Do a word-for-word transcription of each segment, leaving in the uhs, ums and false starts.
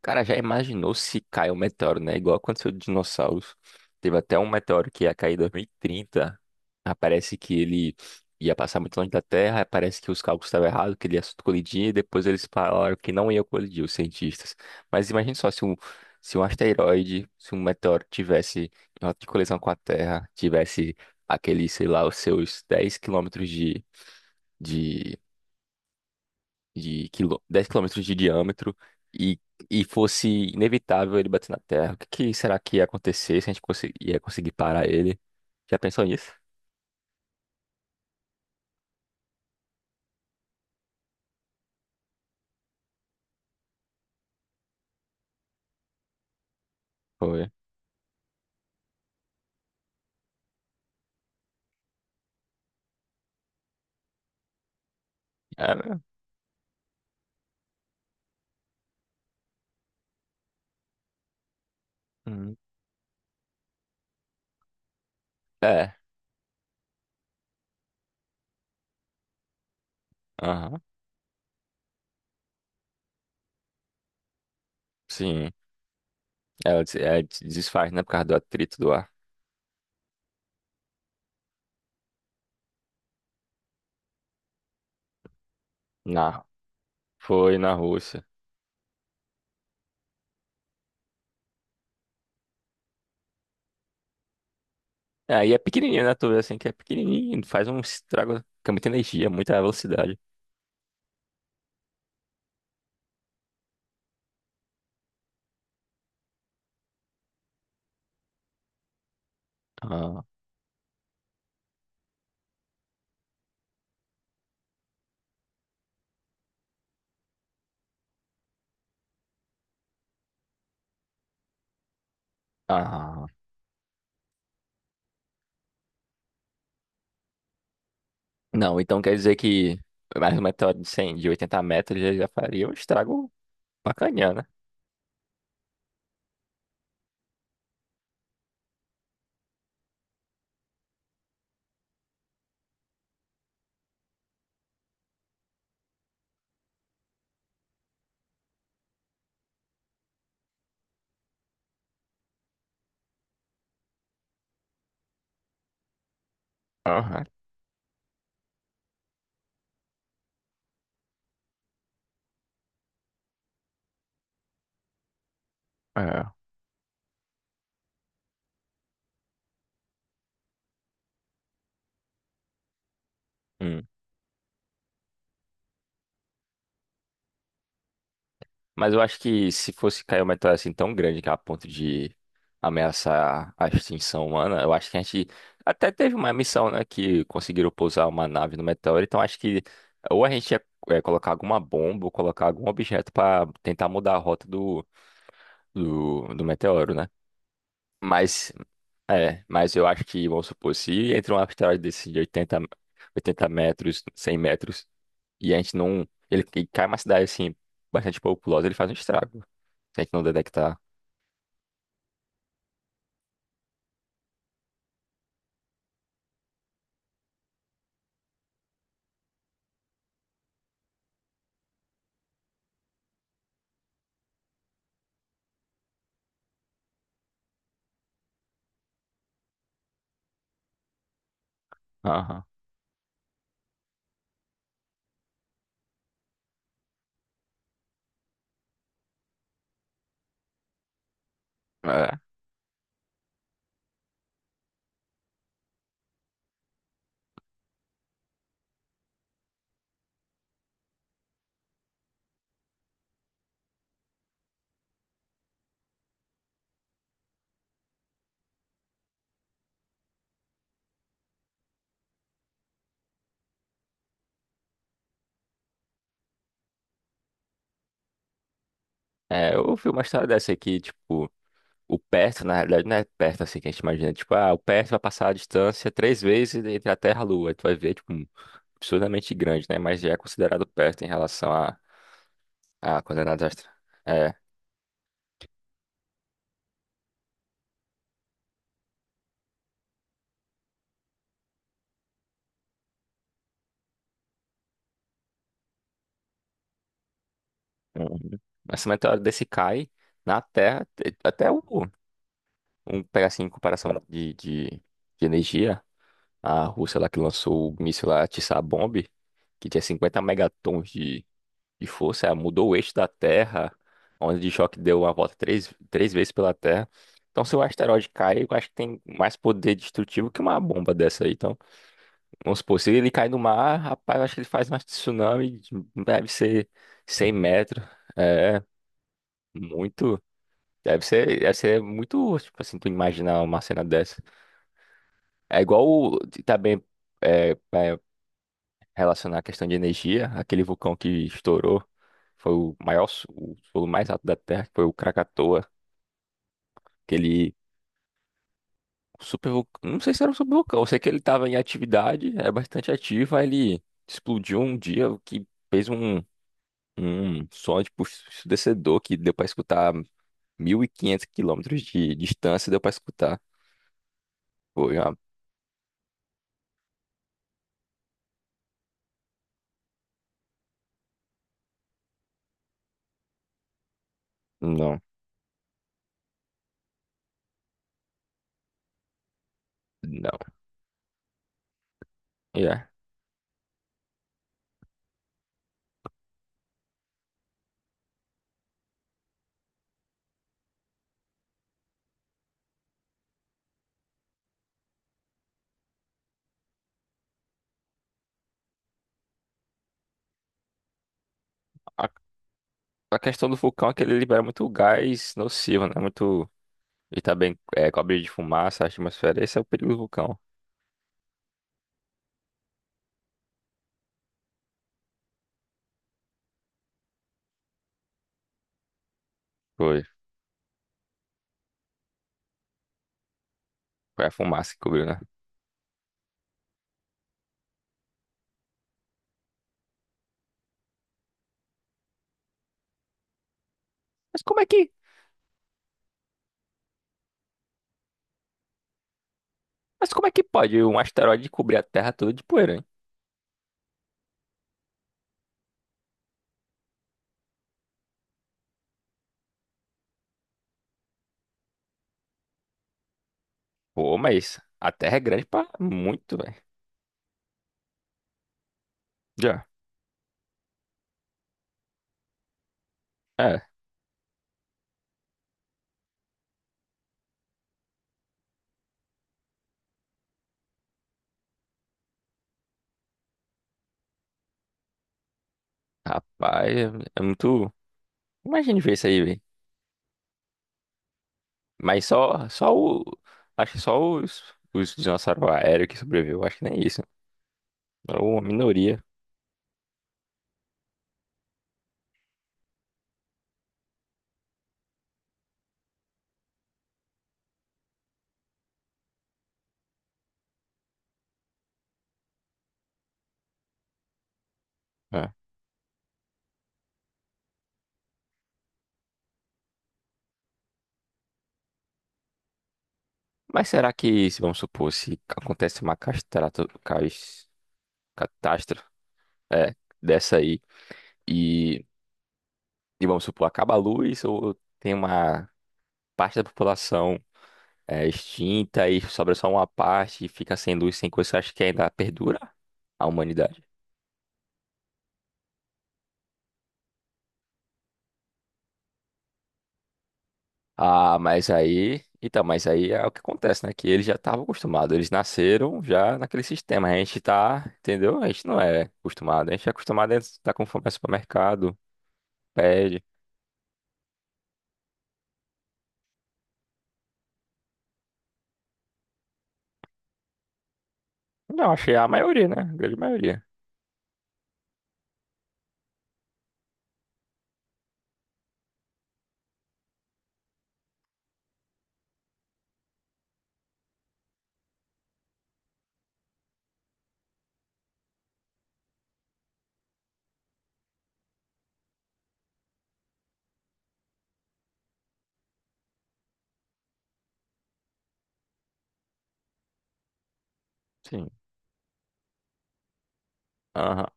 Cara, já imaginou se cai um meteoro, né? Igual aconteceu com dinossauros. Teve até um meteoro que ia cair em dois mil e trinta. Ah, parece que ele ia passar muito longe da Terra. Aí parece que os cálculos estavam errados, que ele ia colidir. E depois eles falaram que não ia colidir, os cientistas. Mas imagine só se um, se um asteroide, se um meteoro tivesse em rota de colisão com a Terra, tivesse aquele, sei lá, os seus dez quilômetros de, de de quilô- dez quilômetros de diâmetro e, e fosse inevitável ele bater na Terra, o que, que será que ia acontecer se a gente consegui- ia conseguir parar ele? Já pensou nisso? Foi. É, né? Hum. É, aham, sim. É, des- é, des- desfaz, né, por causa do atrito do ar. Na, Foi na Rússia. Aí é pequenininho, né, tu vê assim, que é pequenininho, faz um estrago, fica muita energia, muita velocidade. Ah, ah. Não, então quer dizer que mais um meteoro de cem, de oitenta metros, ele já faria um estrago. Bacaninha, né? Aham. É. Hum. Mas eu acho que se fosse cair uma meteora assim tão grande que é a ponto de ameaçar a extinção humana, eu acho que a gente até teve uma missão, né, que conseguiram pousar uma nave no meteoro, então acho que ou a gente ia é, colocar alguma bomba ou colocar algum objeto para tentar mudar a rota do, do, do meteoro, né? Mas, é, mas eu acho que, vamos supor, se entra um asteroide desse de oitenta oitenta metros, cem metros, e a gente não. Ele, ele cai uma cidade assim, bastante populosa, ele faz um estrago. Se a gente não detectar. Aham. É. É, eu ouvi uma história dessa aqui, tipo, o perto, na realidade, não é perto assim que a gente imagina. Tipo, ah, o perto vai passar a distância três vezes entre a Terra e a Lua. Tu vai ver, tipo, um absurdamente grande, né? Mas já é considerado perto em relação a, a coordenadas astrais. É. Uhum. Mas uma meteoro desse cai na Terra, te- até o. Um pegar assim, em comparação de, de, de energia. A Rússia lá que lançou o míssil lá tsar que tinha cinquenta megatons de, de força, ah, mudou o eixo da Terra, onde de choque deu uma volta três, três vezes pela Terra. Então, se o asteroide cai, eu acho que tem mais poder destrutivo que uma bomba dessa aí. Então, vamos supor, se ele cai no mar, rapaz, eu acho que ele faz um tsunami, de- deve ser cem metros. É, muito. Deve ser, deve ser muito, tipo assim, tu imaginar uma cena dessa. É igual, o- tá bem relacionar a questão de energia, aquele vulcão que estourou foi o maior, su- o solo mais alto da Terra, que foi o Krakatoa, aquele super, não sei se era um super vulcão, eu sei que ele estava em atividade, é bastante ativo, aí ele explodiu um dia, o que fez um, um som tipo ensurdecedor que deu para escutar mil e quinhentos quilômetros de distância, deu para escutar. Foi uma. Não, não, yeah. A, a questão do vulcão é que ele libera muito gás nocivo, né? Muito. E também é, cobre de fumaça, a atmosfera. Esse é o perigo do vulcão. Foi, foi a fumaça que cobriu, né? Mas como é que, mas como é que pode um asteroide cobrir a Terra toda de poeira, hein? Pô, mas a Terra é grande pra muito, velho. Já. É, rapaz, é, é muito. Imagine ver isso aí, velho. Mas só, só o. Acho que só os, os dinossauros aéreos que sobreviveu. Acho que nem isso. É uma minoria. É. Mas será que, se vamos supor, se acontece uma castrato, cas- catástrofe, é, dessa aí. E, e vamos supor, acaba a luz ou tem uma parte da população é, extinta e sobra só uma parte e fica sem luz, sem coisa, você acha que ainda perdura a humanidade? Ah, mas aí. Então, mas aí é o que acontece, né? Que eles já estavam acostumados. Eles nasceram já naquele sistema. A gente tá, entendeu? A gente não é acostumado. A gente é acostumado a estar com fome no supermercado, pede. Não, achei a maioria, né? A grande maioria. Sim. Aham.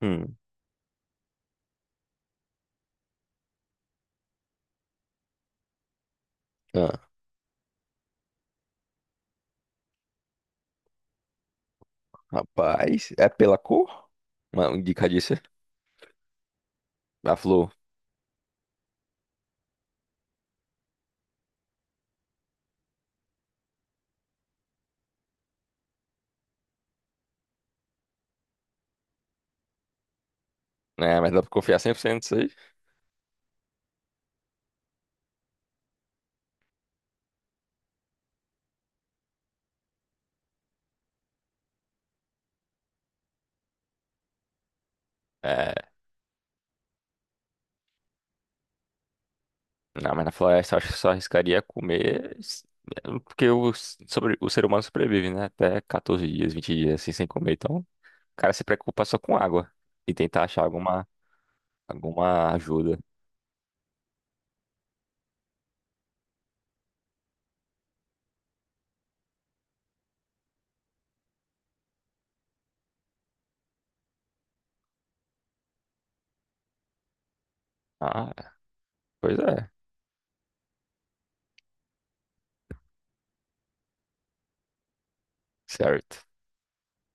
Hum. Ah, rapaz, é pela cor? Uma indica Da Flu. Né? Mas dá pra confiar cem por cento nisso aí? É, não, mas na floresta eu acho que só arriscaria comer. S- é, porque o, s- sobre, o ser humano sobrevive, né? Até quatorze dias, vinte dias assim sem comer. Então, o cara se preocupa só com água e tentar achar alguma, alguma ajuda. Ah, pois é, certo.